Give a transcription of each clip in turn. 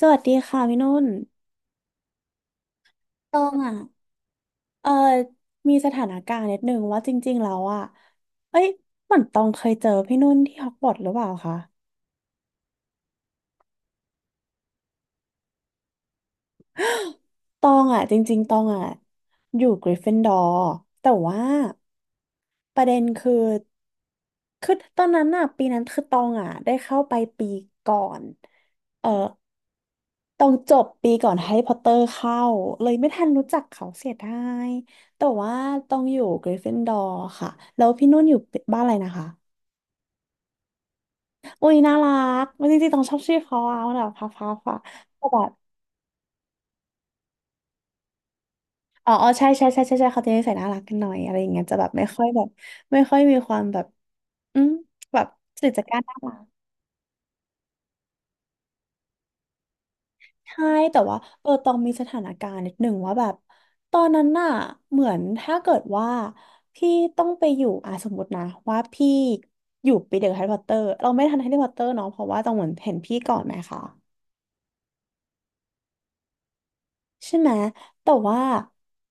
สวัสดีค่ะพี่นุ่นตองอ่ะ เออมีสถานการณ์นิดนึงว่าจริงๆแล้วอ่ะ เอ้ยเหมือนตองเคยเจอพี่นุ่นที่ฮอกวอตส์หรือเปล่าคะตองอ่ะจริงๆตองอ่ะอยู่กริฟฟินดอร์แต่ว่าประเด็นคือ คือตอนนั้นอ่ะปีนั้นคือตองอ่ะได้เข้าไปปีก่อน เออ ต้องจบปีก่อนแฮร์รี่พอตเตอร์เข้าเลยไม่ทันรู้จักเขาเสียดายแต่ว่าต้องอยู่กริฟฟินดอร์ค่ะแล้วพี่นุ่นอยู่บ้านอะไรนะคะอุ้ยน่ารักไม่จริงๆต้องชอบชื่อเขาเอาแบบพัฟพัฟอะก็แบบอ๋ออ๋อใช่ใช่ใช่ใช่ใช่เขาจะนิสัยน่ารักกันหน่อยอะไรอย่างเงี้ยจะแบบไม่ค่อยแบบไม่ค่อยมีความแบบอืมแบบสื่อจากการน่ารัก ใช่แต่ว่าตองมีสถานการณ์นิดหนึ่งว่าแบบตอนนั้นน่ะเหมือนถ้าเกิดว่าพี่ต้องไปอยู่อ่ะสมมตินะว่าพี่อยู่ปีเดียวกับแฮร์รี่พอตเตอร์เราไม่ทันแฮร์รี่พอตเตอร์เนาะเพราะว่าตองเหมือนเห็นพี่ก่อนไหมคะ ใช่ไหม แต่ว่า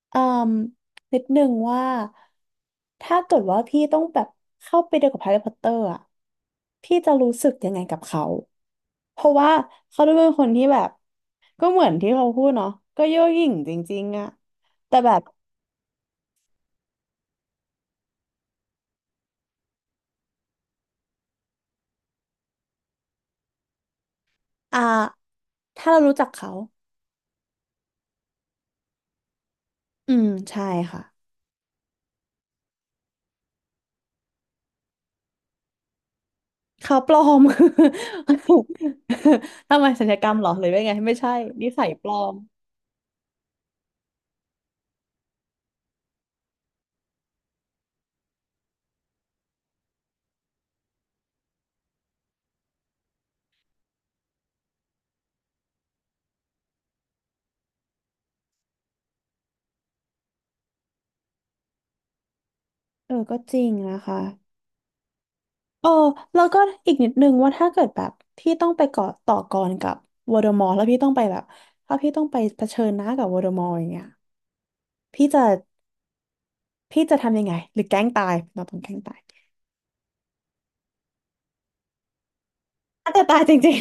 เอ่มนิดนึงว่า ถ้าเกิดว่าพี่ต้องแบบเข้าไปเดียวกับแฮร์รี่พอตเตอร์อ่ะพี่จะรู้สึกยังไงกับเขา เพราะว่าเขาดูเป็นคนที่แบบ ก็เหมือนที่เขาพูดเนาะก็เย่อหยิ่งจริงๆอ่ะแต่แบบ อ่าถ้าเรารู้จักเขา อืม ใช่ค่ะ เขาปลอม ทำไมสัญญกรรมเหรอ หรือว่าไงไม่ใช่นิสัยปลอมก็จริงนะคะ เออแล้วก็อีกนิดนึงว่าถ้าเกิดแบบพี่ต้องไปเกาะต่อกรกับวโดมอร์แล้วพี่ต้องไปแบบถ้าพี่ต้องไปเผชิญหน้ากับวโดมอร์อย่างเงี้ยพี่จะพี่จะทำยังไงหรือแกล้งตายเราต้องแกล้งตายอาจจะตายจริง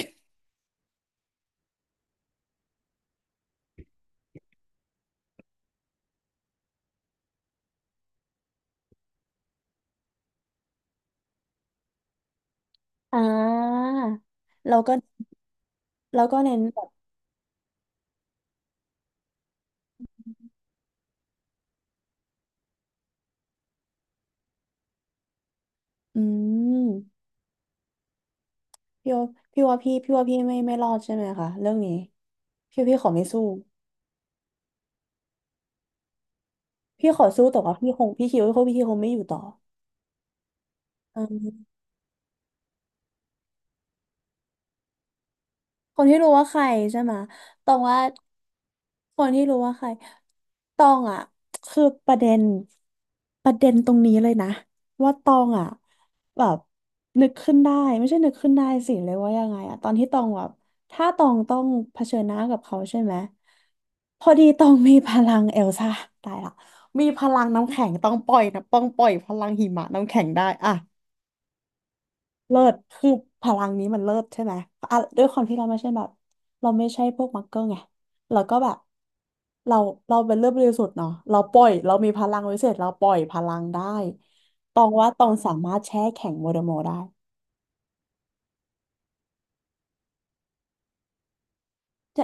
ๆอ่าเราก็เราก็เน้นแบบอืมพี่ว่าพี่ว่าพี่ว่าพี่ไม่ไม่รอดใช่ไหมคะเรื่องนี้พี่ขอไม่สู้พี่ขอสู้แต่ว่าพี่คงพี่คิดว่าพี่คงไม่อยู่ต่อ คนที่รู้ว่าใครใช่ไหมตองว่าคนที่รู้ว่าใครตองอ่ะคือประเด็นตรงนี้เลยนะว่าตองอ่ะแบบนึกขึ้นได้ไม่ใช่นึกขึ้นได้สิเลยว่ายังไงอ่ะตอนที่ตองแบบถ้าตองต้องเผชิญหน้ากับเขาใช่ไหมพอดีตองมีพลังเอลซ่าตายละมีพลังน้ำแข็งต้องปล่อยนะต้องปล่อยพลังหิมะน้ำแข็งได้อ่ะ เลิศคือพลังนี้มันเลิศใช่ไหมอ่ะด้วยความที่เราไม่ใช่แบบเราไม่ใช่พวกมักเกอร์ไงเราก็แบบเราเราเป็นเลือดบริสุทธิ์เนาะเราปล่อยเรามีพลังวิเศษเราปล่อยพลังได้ตองว่าตองสามารถแช่แข็งโมเดโมอร์ได้จะ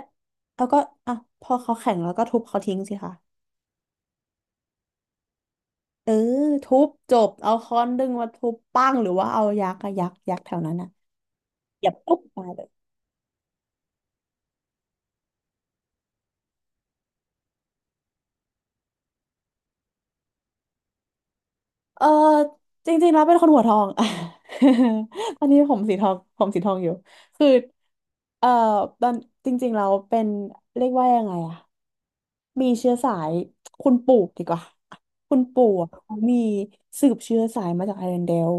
แล้วก็อ่ะพอเขาแข็งแล้วก็ทุบเขาทิ้งสิคะเออทุบจบเอาค้อนดึงมาทุบปั้งหรือว่าเอายักษ์อะยักษ์ยักษ์แถวนั้นอะเหยียบปุ๊บตายเลย อจริงๆแล้วเป็นคนหัวทอง ตอนนี้ผมสีทองผมสีทองอยู่คือเออตอนจริงๆเราเป็นเรียกว่ายังไงอะมีเชื้อสายคุณปู่ดีกว่าคุณปู่อะเขามีสืบเชื้อสายมาจากไอร์แลนด์เดล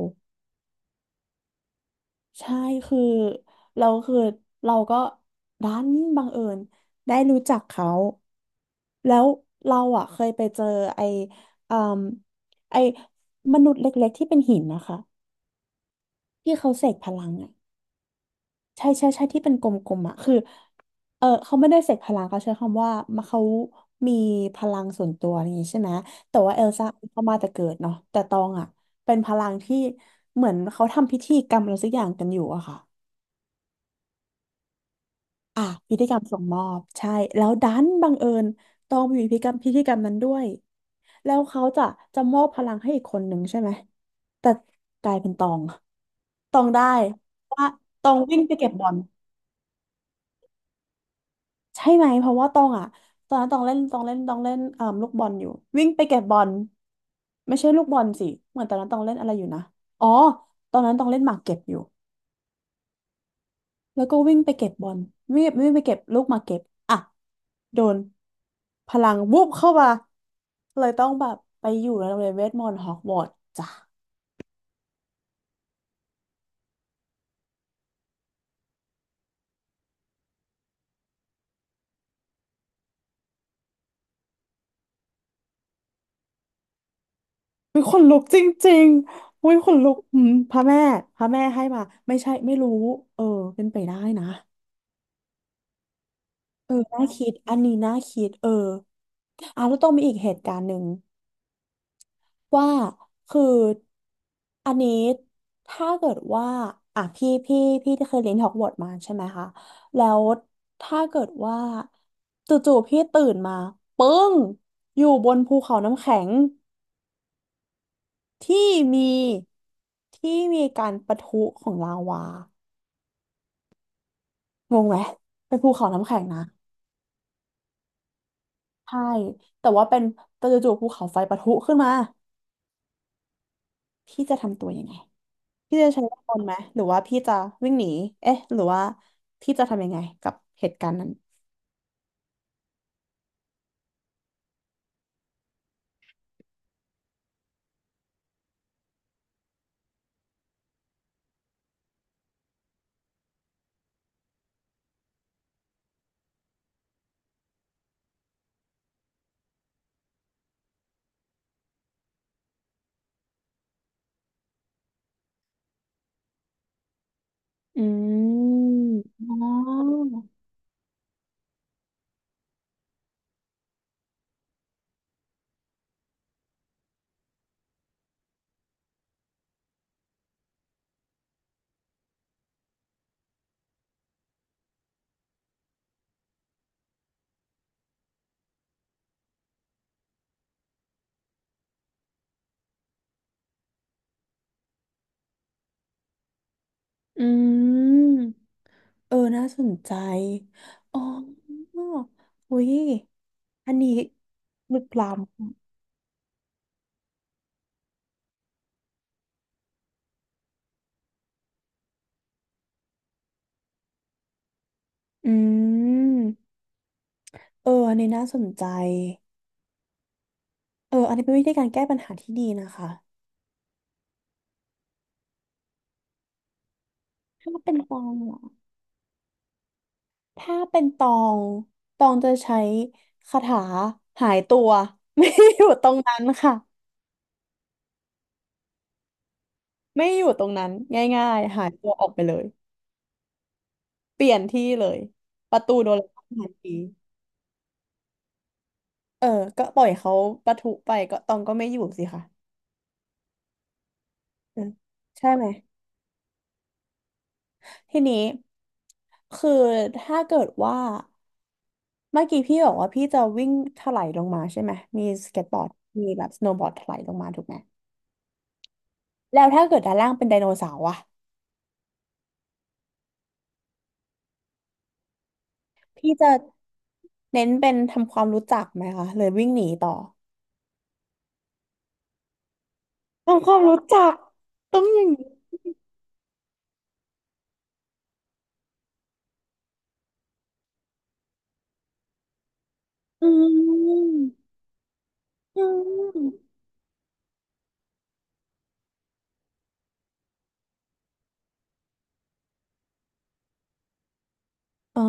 ใช่คือเราคือเราก็ดันบังเอิญได้รู้จักเขาแล้วเราอ่ะเคยไปเจอไออืมไอมนุษย์เล็กๆที่เป็นหินนะคะ ที่เขาเสกพลังอ่ะใช่ใช่ใช่ที่เป็นกลมๆอ่ะคือเขาไม่ได้เสกพลังเขาใช้คำว่ามาเขามีพลังส่วนตัวอะไรอย่างนี้ใช่ไหมแต่ว่าเอลซ่าเขามาแต่เกิดเนาะแต่ตองอ่ะเป็นพลังที่เหมือนเขาทำพิธีกรรมอะไรสักอย่างกันอยู่อะค่ะอ่ะพิธีกรรมส่งมอบใช่แล้วดันบังเอิญตองอยู่พิธีกรรมนั้นด้วยแล้วเขาจะจะมอบพลังให้อีกคนหนึ่งใช่ไหมแต่กลายเป็นตองตองได้เพราะว่าตองวิ่งไปเก็บบอล ใช่ไหมเพราะว่าตองอ่ะตอนนั้นตองเล่นเอ่มลูกบอลอยู่วิ่งไปเก็บบอลไม่ใช่ลูกบอลสิเหมือนตอนนั้นตองเล่นอะไรอยู่นะอ๋อตอนนั้นตองเล่นหมากเก็บอยู่แล้วก็วิ่งไปเก็บบอลวิ่งวิ่งไปเก็บลูกหมากเก็บอ่ะโดนพลังวูบเข้ามาเลยต้องแบบไปอยู่ในโรงเรียนเวทมนต์ฮอกวอตส์จ้ะวิคนลุกจริงๆวิคนลุกพระแม่พระแม่ให้มาไม่ใช่ไม่รู้เออเป็นไปได้นะ เออน่าคิดอันนี้น่าคิดเอออ่ะแล้วต้องมีอีกเหตุการณ์หนึ่งว่าคืออันนี้ถ้าเกิดว่าอ่ะพี่พี่ที่เคยเรียนฮอกวอตส์มาใช่ไหมคะแล้วถ้าเกิดว่าจู่ๆพี่ตื่นมาปึ้งอยู่บนภูเขาน้ำแข็งที่มีที่มีการปะทุของลาวางงไหมเป็นภูเขาน้ำแข็งนะใช่แต่ว่าเป็นแต่จู่ๆภูเขาไฟปะทุขึ้นมา พี่จะทำตัวยังไงพี่จะใช้เวทมอดทนต์ไหมหรือว่าพี่จะวิ่งหนีเอ๊ะหรือว่าพี่จะทำยังไงกับเหตุการณ์นั้น อืมอ๋ออืมเออน่าสนใจ อ๋ออุ้ยอันนี้ลึกล้ำอืมเอออันนี้น่าสนใจเอออันนี้เป็นวิธีการแก้ปัญหาที่ดีนะคะ ถ้าเป็นฟองเหรอ ถ้าเป็นตองตองจะใช้คาถาหายตัว ไม่อยู่ตรงนั้นค่ะไม่อยู่ตรงนั้นง่ายๆหายตัวออกไปเลยเปลี่ยนที่เลยประตูโดนล็อกทันทีเออก็ปล่อยเขาประทุไปก็ตองก็ไม่อยู่สิค่ะเออใช่ไหมทีนี้คือถ้าเกิดว่าเมื่อกี้พี่บอกว่าพี่จะวิ่งถลายลงมาใช่ไหมมีสเก็ตบอร์ดมีแบบสโนว์บอร์ดถลายลงมาถูกไหมแล้วถ้าเกิดด้านล่างเป็นไดโนเสาร์อะ พี่จะเน้นเป็นทำความรู้จักไหมคะเลยวิ่งหนีต่อทำความรู้จักต้องอย่างนี้อืมอืมอ๋อ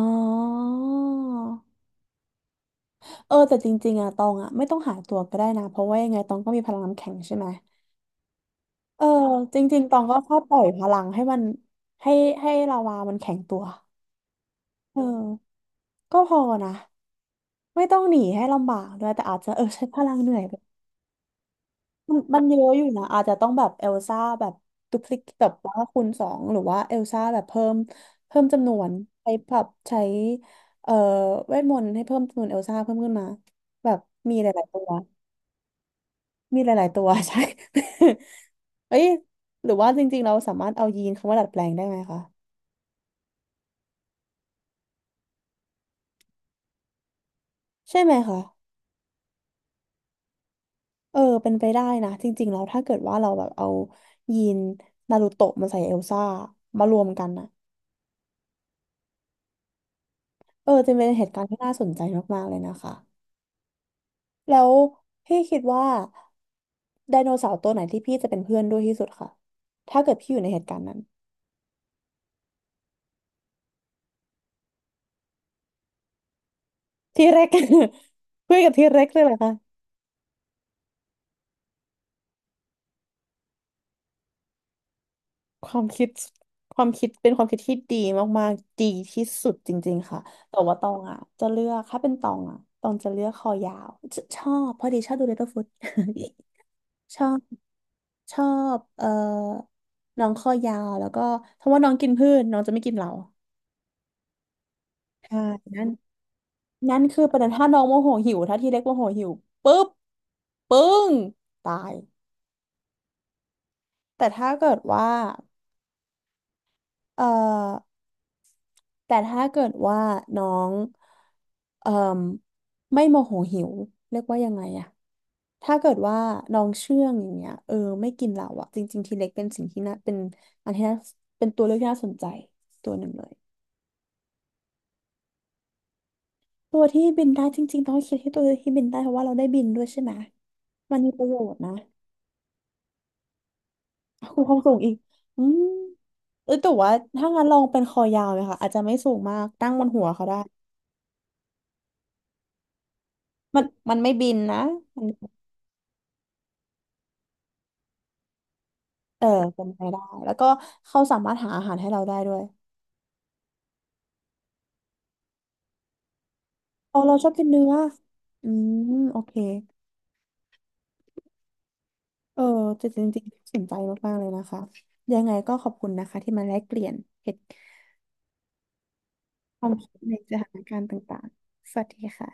เออแต่จริงๆอะตองอะไม่ต้องหาตัวก็ได้นะเพราะว่ายังไงตองก็มีพลังน้ำแข็งใช่ไหมเออจริงๆตองก็แค่ปล่อยพลังให้มันให้ให้ลาวามันแข็งตัวเออก็พอนะไม่ต้องหนีให้ลำบากด้วยแต่อาจจะเออใช้พลังเหนื่อย มันเยอะอยู่นะอาจจะต้องแบบเอลซ่าแบบดุพลิกแบบว่าคูณ 2หรือว่าเอลซ่าแบบเพิ่มเพิ่มจำนวนใช้แบบใช้เอ่อเวทมนต์ให้เพิ่มจำนวนเอลซ่าเพิ่มขึ้นมาแบบมีหลายๆตัวมีหลายๆตัว ใช่ เอ้ยหรือว่าจริงๆเราสามารถเอายีนคำว่าดัดแปลงได้ไหมคะใช่ไหมคะเออเป็นไปได้นะจริงๆแล้วถ้าเกิดว่าเราแบบเอายีนนารูโตะมาใส่เอลซ่ามารวมกันนะเออจะเป็นเหตุการณ์ที่น่าสนใจมากๆเลยนะคะ แล้วพี่คิดว่าไดโนเสาร์ตัวไหนที่พี่จะเป็นเพื่อนด้วยที่สุดค่ะถ้าเกิดพี่อยู่ในเหตุการณ์นั้นที่เร็ก คุยกับที่เร็กเลยเหรอคะความคิดความคิดเป็นความคิดที่ดีมากๆดีที่สุดจริงๆค่ะแต่ว่าตองอ่ะจะเลือกถ้าเป็นตองอ่ะตองจะเลือกคอยาวชชอบพอดีชอบดู Littlefoot ชอบชอบน้องคอยาวแล้วก็เพราะว่าน้องกินพืชน้องจะไม่กินเราใช่นั่น นั่นคือประเด็นถ้าน้องโมโหหิวถ้าทีเล็กโมโหหิวปุ๊บปึ้งตายแต่ถ้าเกิดว่าเอ่อแต่ถ้าเกิดว่าน้องเอ่มไม่โมโหหิวเรียกว่ายังไงอะถ้าเกิดว่าน้องเชื่องอย่างเงี้ยเออไม่กินเราอะจริงๆทีเล็กเป็นสิ่งที่น่าเป็นอันที่น่าเป็นตัวเลือกที่น่าสนใจตัวหนึ่งเลยตัวที่บินได้จริงๆต้องคิดให้ตัวที่บินได้เพราะว่าเราได้บินด้วยใช่ไหมมันมีประโยชน์นะครูความสูงอีกอืม เออแต่ว่าถ้างั้นลองเป็นคอยาวเลยค่ะอาจจะไม่สูงมากตั้งบนหัวเขาได้มันมันไม่บินนะมันเออเป็นไปได้แล้วก็เขาสามารถหาอาหารให้เราได้ด้วยอ๋อเราชอบกินเนื้ออืมโอเคเออแต่จริงๆสนใจมากๆเลยนะคะยังไงก็ขอบคุณนะคะที่มาแลกเปลี่ยนเหตุความคิดในสถานการณ์ต่างๆสวัสดีค่ะ